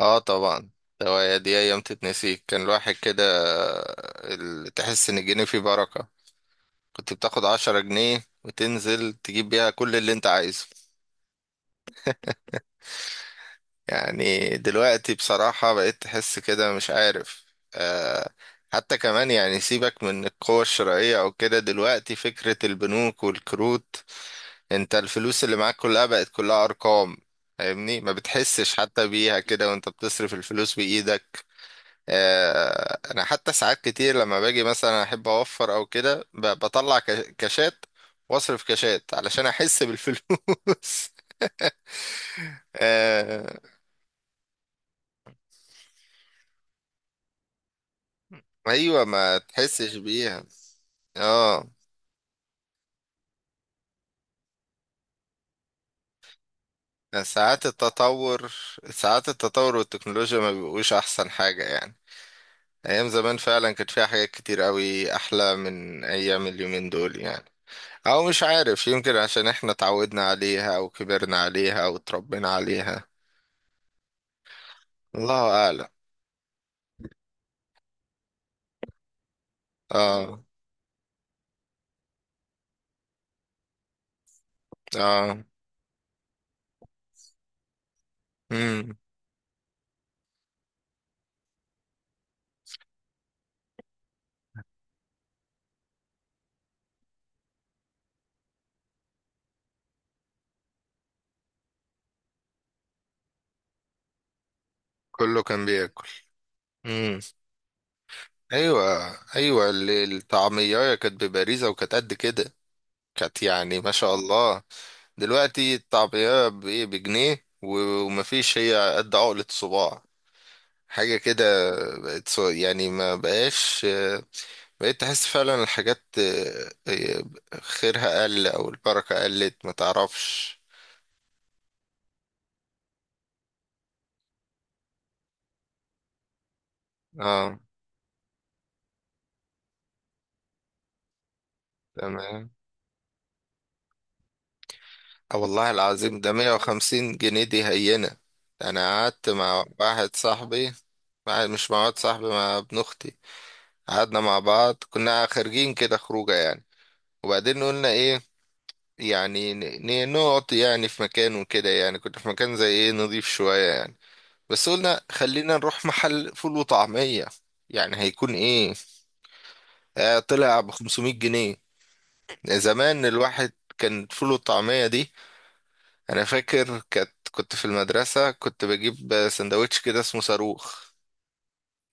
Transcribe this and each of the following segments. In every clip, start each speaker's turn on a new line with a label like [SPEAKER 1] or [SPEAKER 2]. [SPEAKER 1] اه طبعا. دي ايام تتنسي، كان الواحد كده تحس ان الجنيه فيه بركة. كنت بتاخد عشرة جنيه وتنزل تجيب بيها كل اللي انت عايزه. يعني دلوقتي بصراحة بقيت تحس كده مش عارف. آه، حتى كمان يعني سيبك من القوة الشرائية او كده، دلوقتي فكرة البنوك والكروت، انت الفلوس اللي معاك كلها بقت كلها ارقام. فاهمني؟ ما بتحسش حتى بيها كده وانت بتصرف الفلوس بإيدك. انا حتى ساعات كتير لما باجي مثلا احب اوفر او كده بطلع كاشات واصرف كاشات علشان احس بالفلوس. آه، ايوه، ما تحسش بيها. اه. ساعات التطور، ساعات التطور والتكنولوجيا ما بيبقوش احسن حاجة يعني. ايام زمان فعلا كانت فيها حاجات كتير قوي احلى من ايام اليومين دول يعني. او مش عارف، يمكن عشان احنا اتعودنا عليها او كبرنا عليها او اتربينا عليها. الله اعلم. اه. اه. امم. كله كان بياكل. امم. ايوه ايوه، الطعميه كانت بباريزه وكانت قد كده، كانت يعني ما شاء الله. دلوقتي الطعميه بايه؟ بجنيه و ومفيش، هي قد عقله صباع، حاجه كده. يعني ما بقاش، بقيت تحس فعلا الحاجات آه، خيرها قل او البركه قلت ما تعرفش. اه. تمام. آه والله العظيم، ده 150 جنيه دي هينة. انا قعدت مع واحد صاحبي، مش مع واحد صاحبي، مع ابن اختي. قعدنا مع بعض، كنا خارجين كده خروجه يعني. وبعدين قلنا ايه، يعني نقعد يعني في مكان وكده، يعني كنا في مكان زي ايه نضيف شوية يعني. بس قلنا خلينا نروح محل فول وطعمية، يعني هيكون ايه. آه، طلع ب 500 جنيه. زمان الواحد كان فول وطعمية دي، انا فاكر كانت، كنت في المدرسة كنت بجيب سندوتش كده اسمه صاروخ.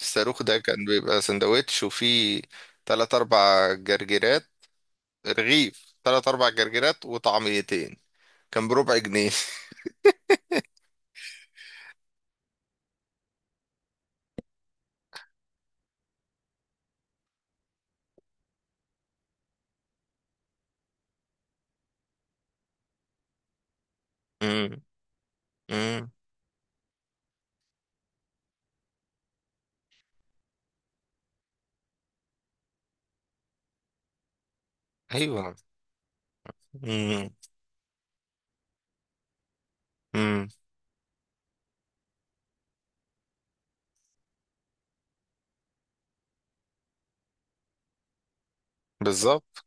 [SPEAKER 1] الصاروخ ده كان بيبقى سندوتش وفيه تلات اربع جرجيرات، رغيف تلات اربع جرجيرات وطعميتين، كان بربع جنيه. امم. امم. ايوه. امم. امم. بالظبط.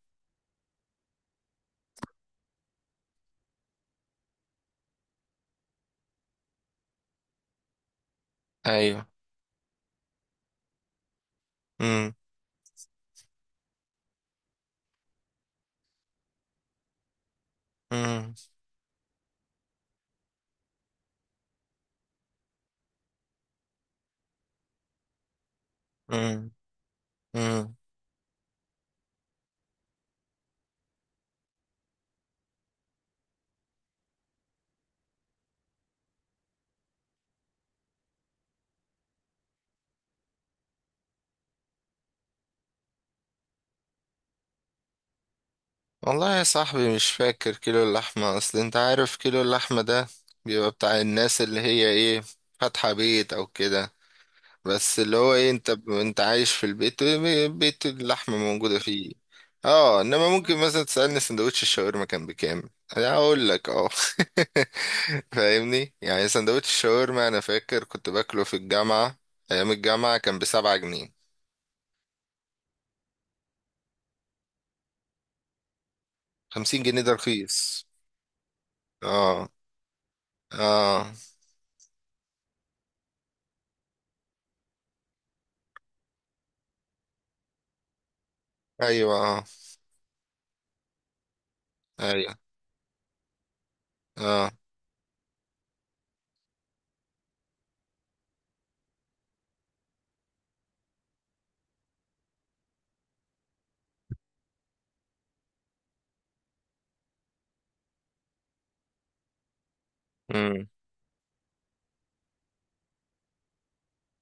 [SPEAKER 1] ايوه. امم. امم. امم. امم. والله يا صاحبي مش فاكر كيلو اللحمة، اصل انت عارف كيلو اللحمة ده بيبقى بتاع الناس اللي هي ايه، فاتحة بيت او كده، بس اللي هو ايه، انت انت عايش في البيت، بيت اللحمة موجودة فيه. اه، انما ممكن مثلا تسألني سندوتش الشاورما كان بكام، انا اقول لك. اه. فاهمني؟ يعني سندوتش الشاورما انا فاكر كنت باكله في الجامعة، ايام الجامعة كان بسبعة جنيه. خمسين جنيه ده رخيص. اه. اه. ايوه. اه. ايوه. اه. امم.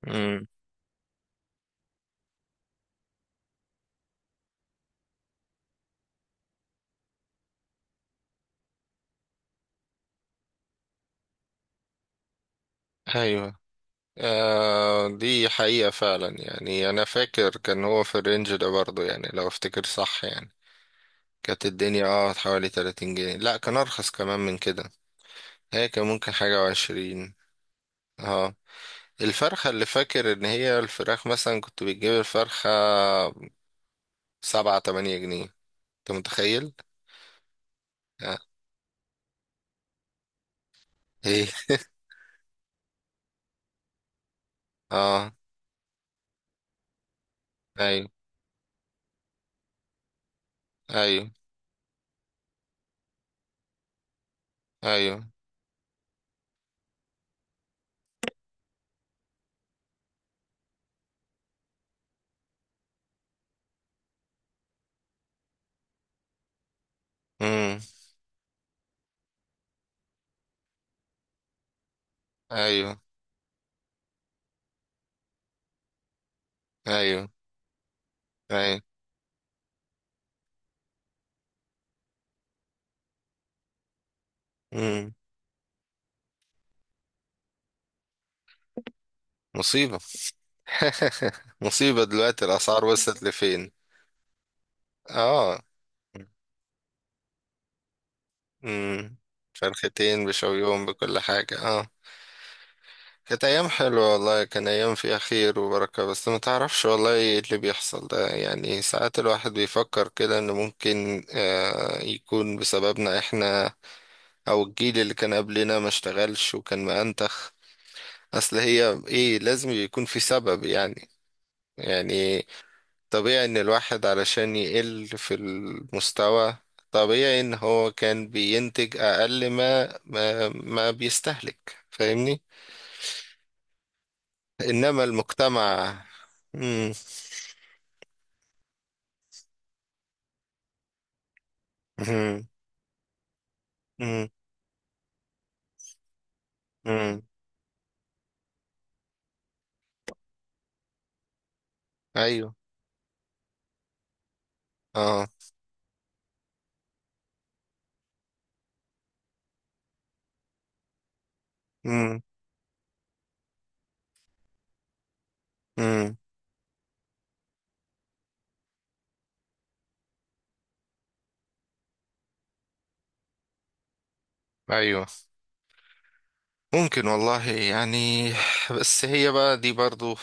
[SPEAKER 1] امم. ايوه. آه، دي حقيقة فعلا يعني، أنا فاكر كان هو في الرينج ده برضه يعني، لو أفتكر صح يعني كانت الدنيا اه حوالي 30 جنيه، لا كان أرخص كمان من كده، هي كان ممكن حاجة وعشرين. اه. الفرخة اللي فاكر إن هي الفراخ مثلا، كنت بتجيب الفرخة سبعة تمانية جنيه. أنت متخيل؟ آه. إيه؟ اه. أيوه. أيوه. أيوه. أمم. أيوه. أيوه. أيوه. أمم. مصيبة. مصيبة دلوقتي الأسعار وصلت لفين. اه. امم. فرختين بشويهم بكل حاجة؟ اه. كانت أيام حلوة والله، كان أيام فيها خير وبركة. بس ما تعرفش والله إيه اللي بيحصل ده يعني. ساعات الواحد بيفكر كده إنه ممكن آه يكون بسببنا إحنا، أو الجيل اللي كان قبلنا ما اشتغلش وكان مأنتخ. أصل هي إيه، لازم يكون في سبب يعني. يعني طبيعي ان الواحد علشان يقل في المستوى، طبيعي ان هو كان بينتج اقل ما بيستهلك. فاهمني؟ انما المجتمع. مم. مم. مم. مم. ايوه. اه. مم. مم. ايوه. ممكن والله يعني. بس هي بقى دي برضو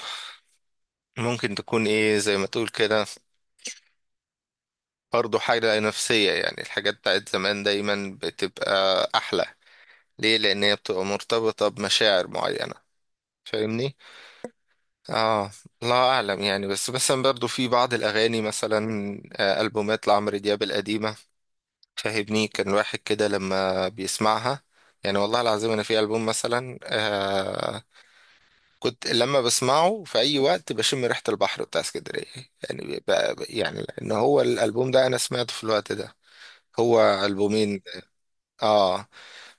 [SPEAKER 1] ممكن تكون ايه، زي ما تقول كده، برضو حاجة نفسية يعني. الحاجات بتاعت زمان دايما بتبقى احلى، ليه؟ لان هي بتبقى مرتبطه بمشاعر معينه، فاهمني؟ اه. الله اعلم يعني، بس مثلا برضو في بعض الاغاني مثلا، آه، البومات لعمرو دياب القديمه، فاهمني؟ كان واحد كده لما بيسمعها، يعني والله العظيم انا في البوم مثلا آه، كنت لما بسمعه في اي وقت بشم ريحه البحر بتاع اسكندريه يعني، بقى يعني لان هو الالبوم ده انا سمعته في الوقت ده، هو البومين. اه.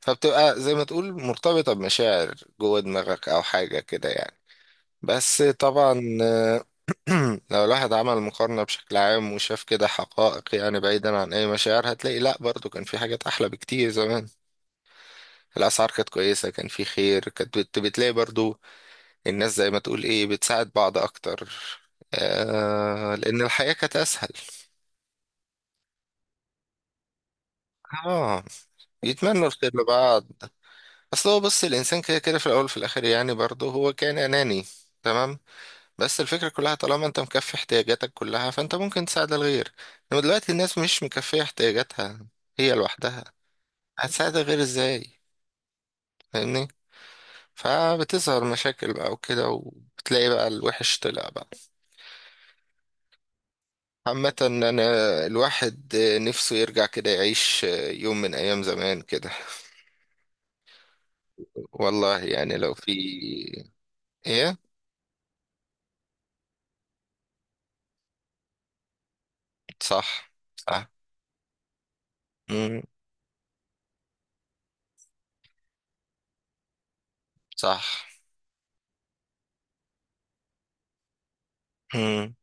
[SPEAKER 1] فبتبقى زي ما تقول مرتبطة بمشاعر جوه دماغك أو حاجة كده يعني. بس طبعا آه، لو الواحد عمل مقارنة بشكل عام وشاف كده حقائق يعني بعيدا عن أي مشاعر، هتلاقي لأ برضو كان في حاجات أحلى بكتير زمان. الأسعار كانت كويسة، كان في خير، بتلاقي برضو الناس زي ما تقول إيه، بتساعد بعض أكتر، آه لأن الحياة كانت أسهل. اه. يتمنوا الخير لبعض. اصل هو بص، الانسان كده كده في الاول وفي الاخر يعني برضه هو كان اناني، تمام، بس الفكره كلها طالما انت مكفي احتياجاتك كلها فانت ممكن تساعد الغير. انما دلوقتي الناس مش مكفيه احتياجاتها هي لوحدها، هتساعد الغير ازاي؟ فاهمني؟ فبتظهر مشاكل بقى وكده، وبتلاقي بقى الوحش طلع بقى. عامة أنا، الواحد نفسه يرجع كده يعيش يوم من أيام زمان كده، والله يعني لو في. إيه. صح. صح. مم. صح. مم.